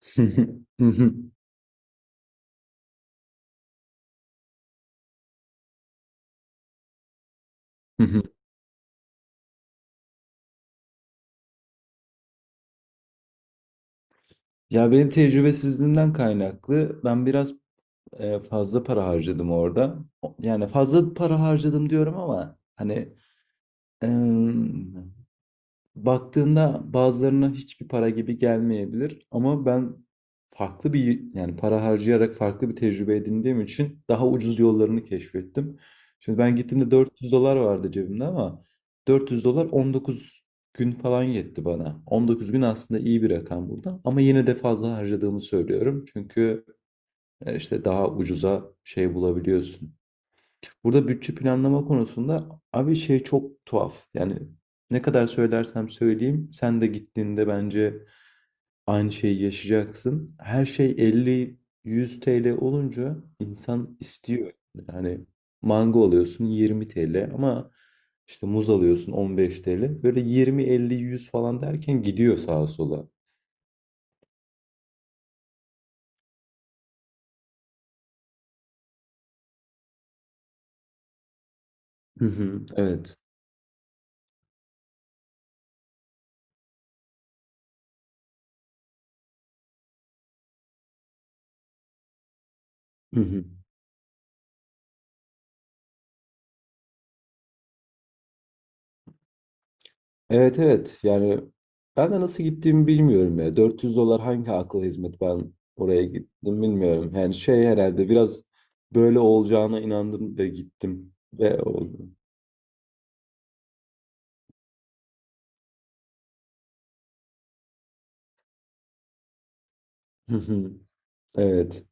Hı hı. Hı hı. Hı hı. Ya benim tecrübesizliğimden kaynaklı ben biraz fazla para harcadım orada. Yani fazla para harcadım diyorum ama hani baktığında bazılarına hiçbir para gibi gelmeyebilir ama ben farklı bir yani para harcayarak farklı bir tecrübe edindiğim için daha ucuz yollarını keşfettim. Şimdi ben gittiğimde 400 dolar vardı cebimde ama 400 dolar 19 gün falan yetti bana. 19 gün aslında iyi bir rakam burada ama yine de fazla harcadığımı söylüyorum. Çünkü işte daha ucuza şey bulabiliyorsun. Burada bütçe planlama konusunda abi şey çok tuhaf. Yani ne kadar söylersem söyleyeyim sen de gittiğinde bence aynı şeyi yaşayacaksın. Her şey 50-100 TL olunca insan istiyor. Yani mango alıyorsun 20 TL ama işte muz alıyorsun 15 TL. Böyle 20-50-100 falan derken gidiyor sağa sola. Hı hı, evet. Evet, evet, yani ben de nasıl gittiğimi bilmiyorum ya. 400 dolar hangi akla hizmet ben oraya gittim bilmiyorum. Yani şey herhalde biraz böyle olacağına inandım ve gittim ve oldu. Evet.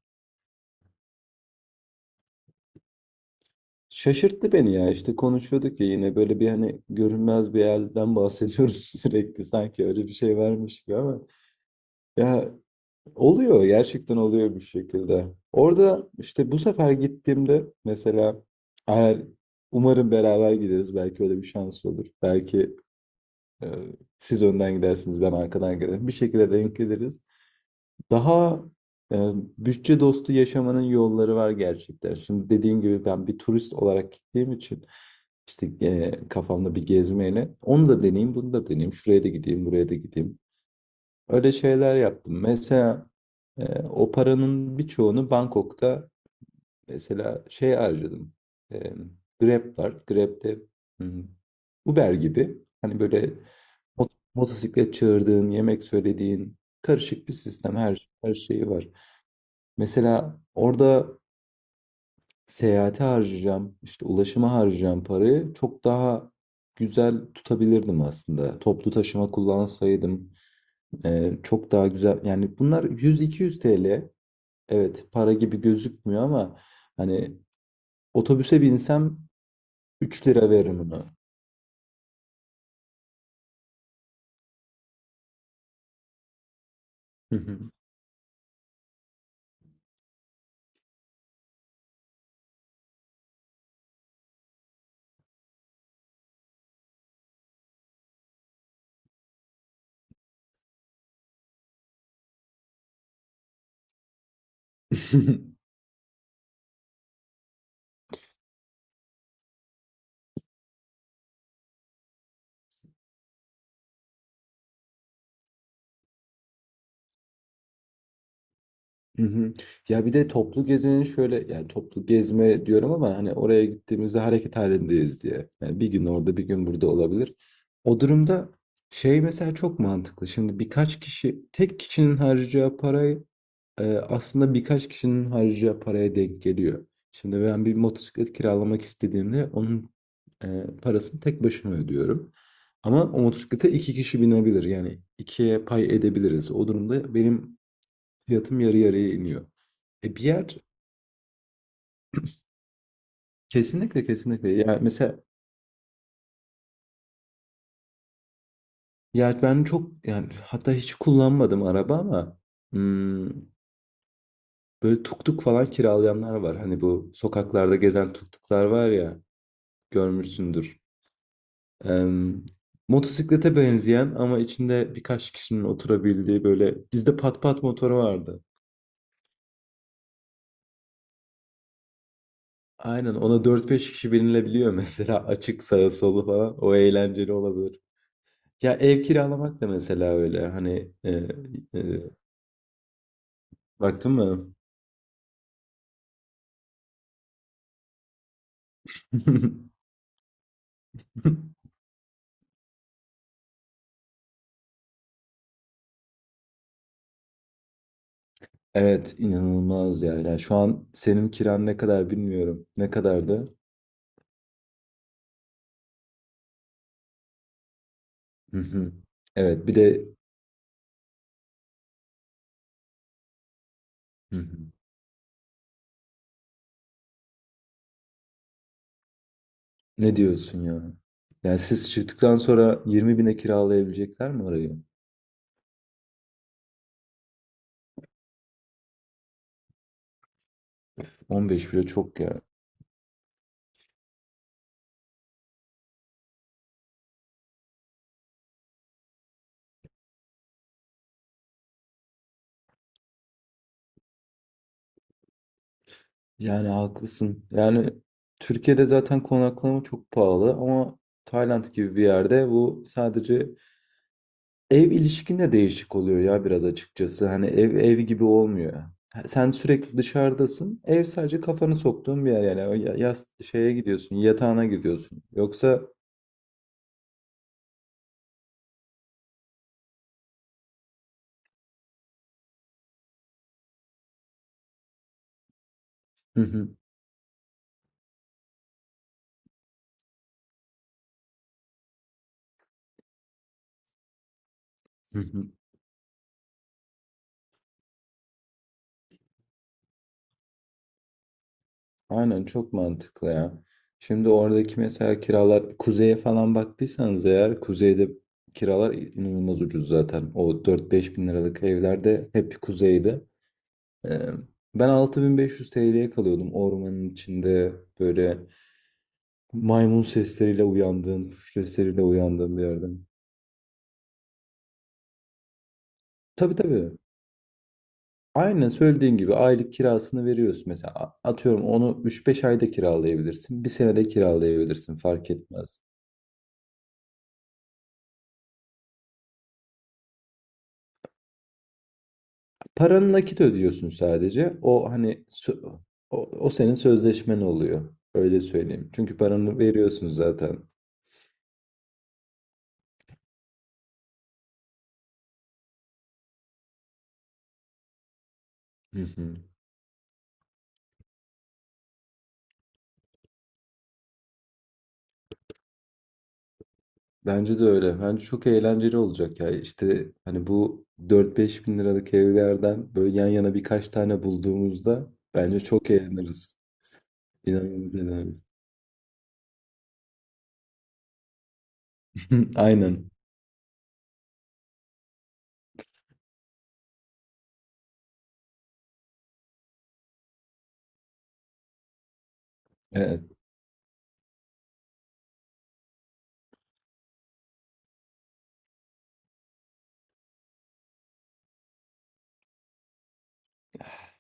Şaşırttı beni ya, işte konuşuyorduk ya yine böyle bir hani görünmez bir yerden bahsediyoruz sürekli sanki öyle bir şey varmış gibi ama ya oluyor, gerçekten oluyor bir şekilde. Orada işte bu sefer gittiğimde mesela eğer umarım beraber gideriz, belki öyle bir şans olur. Belki e, siz önden gidersiniz, ben arkadan giderim. Bir şekilde denk geliriz. Daha e, bütçe dostu yaşamanın yolları var gerçekten. Şimdi dediğim gibi ben bir turist olarak gittiğim için işte kafamda bir gezmeyle onu da deneyeyim, bunu da deneyeyim. Şuraya da gideyim, buraya da gideyim. Öyle şeyler yaptım. Mesela o paranın birçoğunu Bangkok'ta mesela şey harcadım. E, Grab var. Grab'de hmm, Uber gibi. Hani böyle motosiklet çağırdığın, yemek söylediğin karışık bir sistem. Her şeyi var. Mesela orada seyahate harcayacağım, işte ulaşıma harcayacağım parayı çok daha güzel tutabilirdim aslında. Toplu taşıma kullansaydım çok daha güzel, yani bunlar 100-200 TL, evet, para gibi gözükmüyor ama hani otobüse binsem 3 lira veririm ona. Hı hı. Hı hı. Ya bir de toplu gezmenin şöyle, yani toplu gezme diyorum ama hani oraya gittiğimizde hareket halindeyiz diye. Yani bir gün orada bir gün burada olabilir. O durumda şey mesela çok mantıklı. Şimdi birkaç kişi tek kişinin harcayacağı parayı aslında birkaç kişinin harcayacağı paraya denk geliyor. Şimdi ben bir motosiklet kiralamak istediğimde onun parasını tek başıma ödüyorum. Ama o motosiklete iki kişi binebilir. Yani ikiye pay edebiliriz. O durumda benim fiyatım yarı yarıya iniyor. Bir yer kesinlikle, kesinlikle. Yani mesela ya ben çok yani hatta hiç kullanmadım araba ama hmm, böyle tuk tuk falan kiralayanlar var. Hani bu sokaklarda gezen tuk tuklar var ya, görmüşsündür. Em, motosiklete benzeyen ama içinde birkaç kişinin oturabildiği, böyle bizde pat pat motoru vardı. Aynen, ona dört beş kişi binilebiliyor mesela, açık sağı solu falan, o eğlenceli olabilir. Ya ev kiralamak da mesela öyle hani e, baktın mı? Evet, inanılmaz ya. Yani şu an senin kiran ne kadar bilmiyorum. Ne kadardı? Hı hı. Evet, bir de. Hı hı. Ne diyorsun ya? Yani siz çıktıktan sonra 20 bine kiralayabilecekler mi orayı? 15 bile çok ya. Yani haklısın. Yani Türkiye'de zaten konaklama çok pahalı ama Tayland gibi bir yerde bu sadece ev ilişkinde değişik oluyor ya biraz, açıkçası. Hani ev ev gibi olmuyor. Ha, sen sürekli dışarıdasın. Ev sadece kafanı soktuğun bir yer yani. O Yas şeye gidiyorsun, yatağına gidiyorsun. Yoksa aynen, çok mantıklı ya. Şimdi oradaki mesela kiralar, kuzeye falan baktıysanız eğer, kuzeyde kiralar inanılmaz ucuz zaten. O dört beş bin liralık evlerde hep kuzeyde. Ee, ben 6500 TL'ye kalıyordum ormanın içinde böyle maymun sesleriyle uyandığım, kuş sesleriyle uyandığım bir yerde. Tabii, tabii. Aynen söylediğin gibi aylık kirasını veriyorsun. Mesela atıyorum onu üç beş ayda kiralayabilirsin. Bir senede kiralayabilirsin, fark etmez. Paranı nakit ödüyorsun sadece. O hani o senin sözleşmen oluyor. Öyle söyleyeyim. Çünkü paranı veriyorsun zaten. Hı hı. Bence de öyle. Bence çok eğlenceli olacak ya. İşte hani bu dört beş bin liralık evlerden böyle yan yana birkaç tane bulduğumuzda bence çok eğleniriz. İnanılmaz eğleniriz. Aynen. Evet.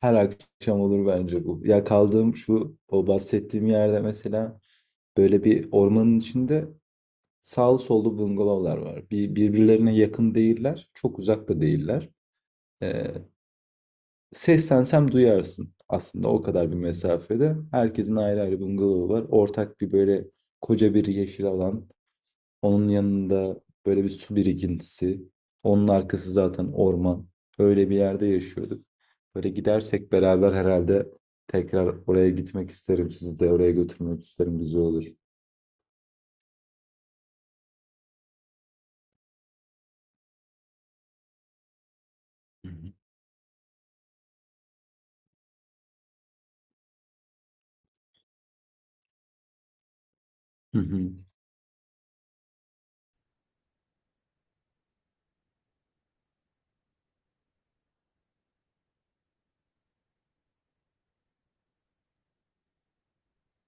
Her akşam olur bence bu. Ya kaldığım şu o bahsettiğim yerde mesela böyle bir ormanın içinde sağlı sollu bungalovlar var. Birbirlerine yakın değiller, çok uzak da değiller. Ee, seslensem duyarsın aslında o kadar bir mesafede. Herkesin ayrı ayrı bungalovu var. Ortak bir böyle koca bir yeşil alan. Onun yanında böyle bir su birikintisi. Onun arkası zaten orman. Öyle bir yerde yaşıyorduk. Böyle gidersek beraber herhalde tekrar oraya gitmek isterim. Sizi de oraya götürmek isterim. Güzel olur. Hı hı. Hı hı.